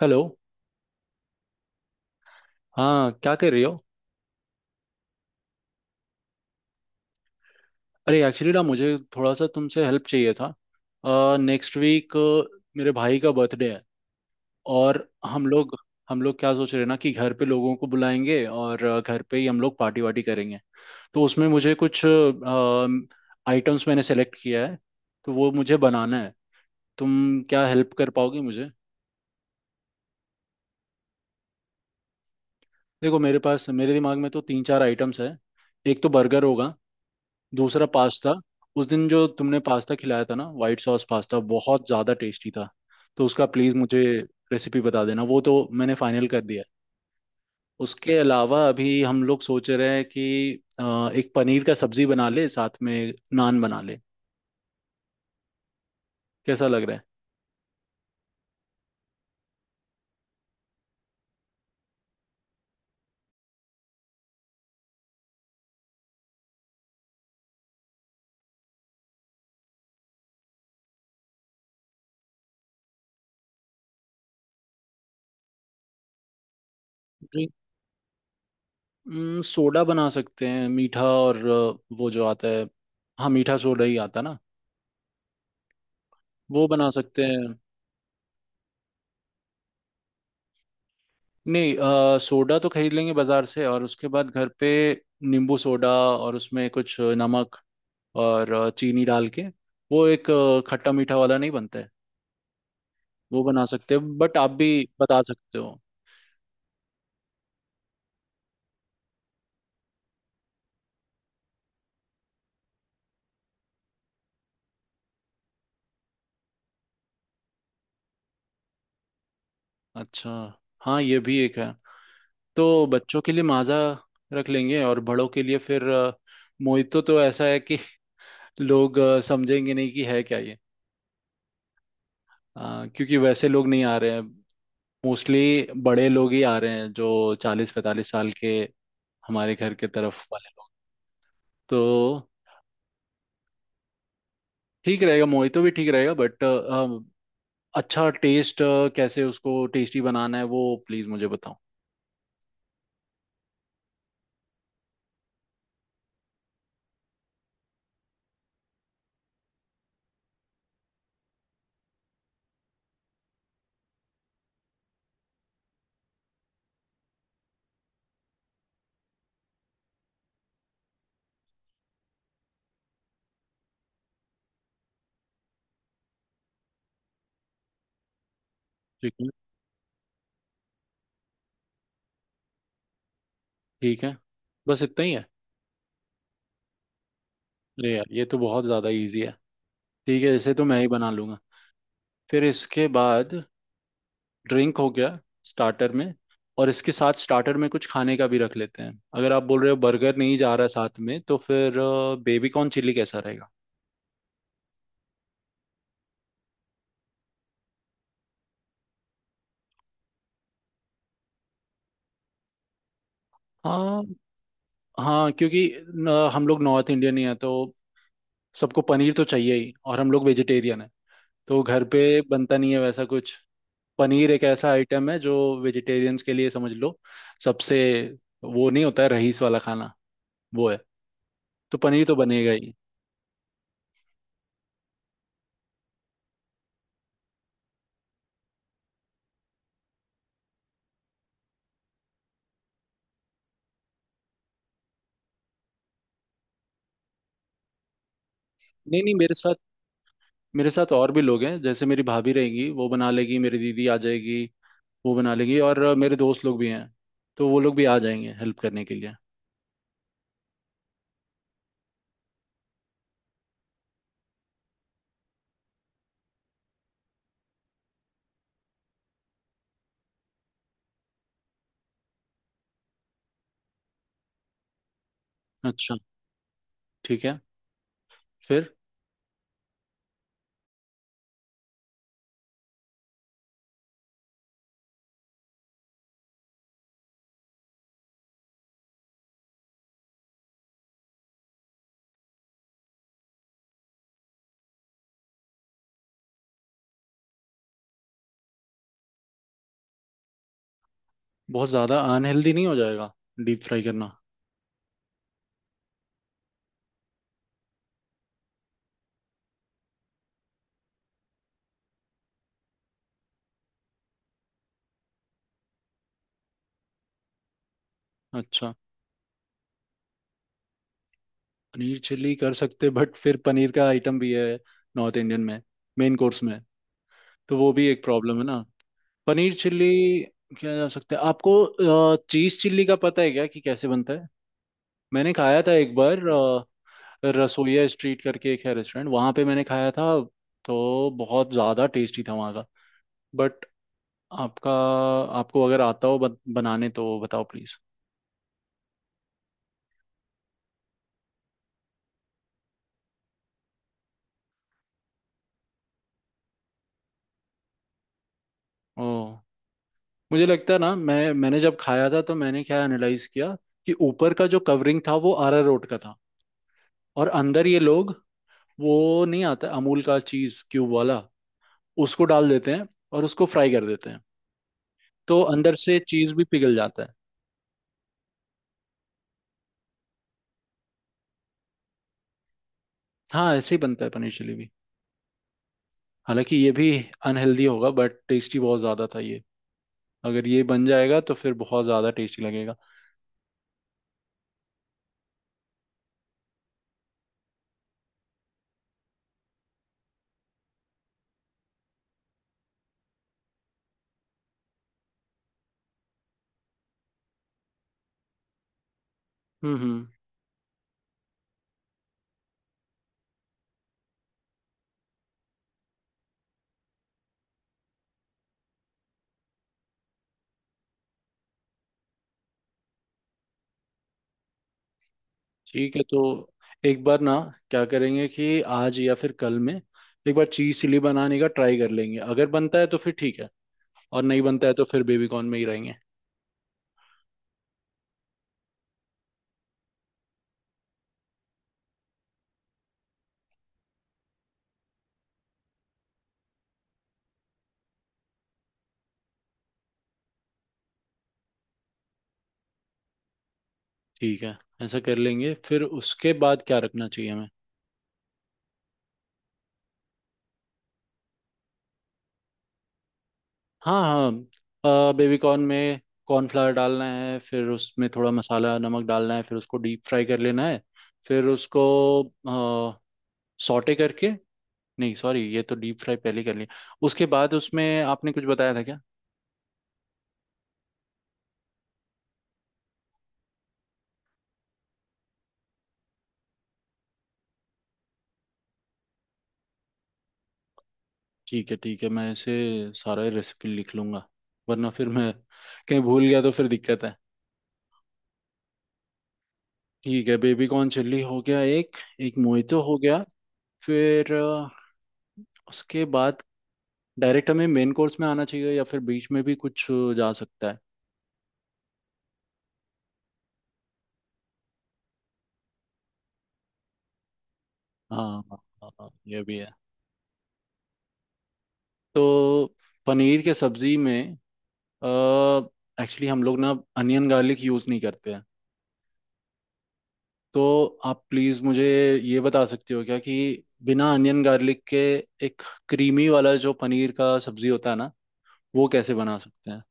Hello. हाँ, क्या कर रही हो? अरे एक्चुअली ना, मुझे थोड़ा सा तुमसे हेल्प चाहिए था। नेक्स्ट वीक मेरे भाई का बर्थडे है। और हम लोग हम लोग क्या सोच रहे हैं ना, कि घर पे लोगों को बुलाएंगे और घर पे ही हम लोग पार्टी वार्टी करेंगे। तो उसमें मुझे कुछ आइटम्स मैंने सेलेक्ट किया है, तो वो मुझे बनाना है। तुम क्या हेल्प कर पाओगे मुझे? देखो, मेरे पास, मेरे दिमाग में तो तीन चार आइटम्स है। एक तो बर्गर होगा, दूसरा पास्ता। उस दिन जो तुमने पास्ता खिलाया था ना, वाइट सॉस पास्ता बहुत ज़्यादा टेस्टी था। तो उसका प्लीज़ मुझे रेसिपी बता देना। वो तो मैंने फाइनल कर दिया है। उसके अलावा अभी हम लोग सोच रहे हैं कि एक पनीर का सब्जी बना ले, साथ में नान बना ले। कैसा लग रहा है? ड्रिंक सोडा बना सकते हैं, मीठा, और वो जो आता है, हाँ, मीठा सोडा ही आता ना, वो बना सकते हैं। नहीं, सोडा तो खरीद लेंगे बाजार से, और उसके बाद घर पे नींबू सोडा, और उसमें कुछ नमक और चीनी डाल के, वो एक खट्टा मीठा वाला नहीं बनता है? वो बना सकते हैं। बट आप भी बता सकते हो। अच्छा, हाँ, ये भी एक है। तो बच्चों के लिए माजा रख लेंगे, और बड़ों के लिए फिर मोहितो। तो ऐसा है कि लोग समझेंगे नहीं कि है क्या ये। क्योंकि वैसे लोग नहीं आ रहे हैं, मोस्टली बड़े लोग ही आ रहे हैं, जो चालीस पैंतालीस साल के, हमारे घर के तरफ वाले। तो ठीक रहेगा, मोहितो भी ठीक रहेगा। बट अच्छा टेस्ट कैसे उसको टेस्टी बनाना है वो प्लीज मुझे बताओ। ठीक है, ठीक है, बस इतना ही है? अरे यार, ये तो बहुत ज़्यादा इजी है। ठीक है, इसे तो मैं ही बना लूंगा। फिर इसके बाद ड्रिंक हो गया, स्टार्टर में। और इसके साथ स्टार्टर में कुछ खाने का भी रख लेते हैं। अगर आप बोल रहे हो बर्गर नहीं जा रहा साथ में, तो फिर बेबी कॉर्न चिल्ली कैसा रहेगा? हाँ, हाँ। क्योंकि न, हम लोग नॉर्थ इंडियन ही हैं, तो सबको पनीर तो चाहिए ही। और हम लोग वेजिटेरियन है, तो घर पे बनता नहीं है वैसा कुछ। पनीर एक ऐसा आइटम है जो वेजिटेरियंस के लिए, समझ लो, सबसे, वो नहीं होता है रईस वाला खाना वो है। तो पनीर तो बनेगा ही। नहीं नहीं, मेरे साथ और भी लोग हैं। जैसे मेरी भाभी रहेंगी, वो बना लेगी, मेरी दीदी आ जाएगी, वो बना लेगी, और मेरे दोस्त लोग भी हैं, तो वो लोग भी आ जाएंगे हेल्प करने के लिए। अच्छा, ठीक है। फिर बहुत ज़्यादा अनहेल्दी नहीं हो जाएगा डीप फ्राई करना? अच्छा। पनीर चिल्ली कर सकते, बट फिर पनीर का आइटम भी है नॉर्थ इंडियन में, मेन कोर्स में, तो वो भी एक प्रॉब्लम है ना। पनीर चिल्ली क्या जा सकता है आपको? चीज चिल्ली का पता है क्या कि कैसे बनता है? मैंने खाया था एक बार, रसोइया स्ट्रीट करके एक है रेस्टोरेंट, वहां पे मैंने खाया था। तो बहुत ज्यादा टेस्टी था वहां का। बट आपका आपको अगर आता हो बनाने, तो बताओ प्लीज ओ, मुझे लगता है ना, मैंने जब खाया था तो मैंने क्या एनालाइज किया कि ऊपर का जो कवरिंग था वो अरारोट का था। और अंदर ये लोग, वो नहीं आता अमूल का चीज क्यूब वाला, उसको डाल देते हैं और उसको फ्राई कर देते हैं, तो अंदर से चीज भी पिघल जाता है। हाँ, ऐसे ही बनता है पनीर चिली भी। हालांकि ये भी अनहेल्दी होगा, बट टेस्टी बहुत ज्यादा था ये। अगर ये बन जाएगा तो फिर बहुत ज्यादा टेस्टी लगेगा। हम्म, हम्म। ठीक है, तो एक बार ना, क्या करेंगे कि आज या फिर कल में एक बार चीज चिली बनाने का ट्राई कर लेंगे। अगर बनता है तो फिर ठीक है, और नहीं बनता है तो फिर बेबी कॉर्न में ही रहेंगे। ठीक है, ऐसा कर लेंगे। फिर उसके बाद क्या रखना चाहिए हमें? हाँ, हाँ। बेबी कॉर्न में कॉर्नफ्लावर डालना है, फिर उसमें थोड़ा मसाला नमक डालना है, फिर उसको डीप फ्राई कर लेना है। फिर उसको सॉटे करके, नहीं सॉरी, ये तो डीप फ्राई पहले कर लिया। उसके बाद उसमें आपने कुछ बताया था क्या? ठीक है, ठीक है, मैं इसे सारा रेसिपी लिख लूंगा, वरना फिर मैं कहीं भूल गया तो फिर दिक्कत है। ठीक है, बेबी कॉर्न चिल्ली हो गया एक। एक मोहितो हो गया। फिर उसके बाद डायरेक्ट हमें मेन कोर्स में आना चाहिए, या फिर बीच में भी कुछ जा सकता है? हाँ, हाँ, हाँ, हाँ, ये भी है। तो पनीर के सब्जी में, एक्चुअली हम लोग ना अनियन गार्लिक यूज़ नहीं करते हैं। तो आप प्लीज़ मुझे ये बता सकते हो क्या कि बिना अनियन गार्लिक के एक क्रीमी वाला जो पनीर का सब्जी होता है ना, वो कैसे बना सकते हैं?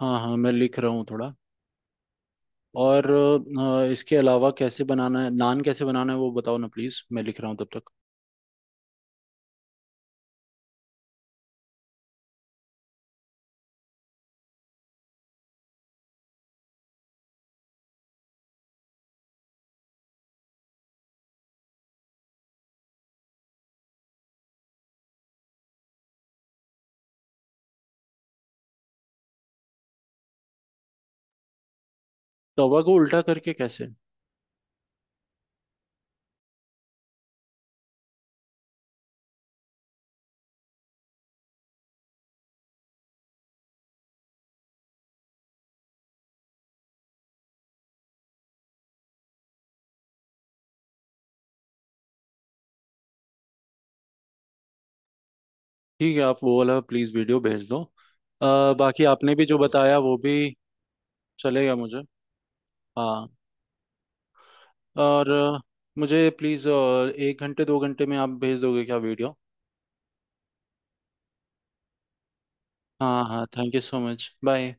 हाँ, हाँ, मैं लिख रहा हूँ थोड़ा। और इसके अलावा कैसे बनाना है, नान कैसे बनाना है, वो बताओ ना प्लीज़, मैं लिख रहा हूँ तब तक। तवा को उल्टा करके कैसे? ठीक है, आप वो वाला प्लीज़ वीडियो भेज दो, बाकी आपने भी जो बताया वो भी चलेगा मुझे। हाँ। और मुझे प्लीज़ 1 घंटे 2 घंटे में आप भेज दोगे क्या वीडियो? हाँ, हाँ, thank you so much, bye.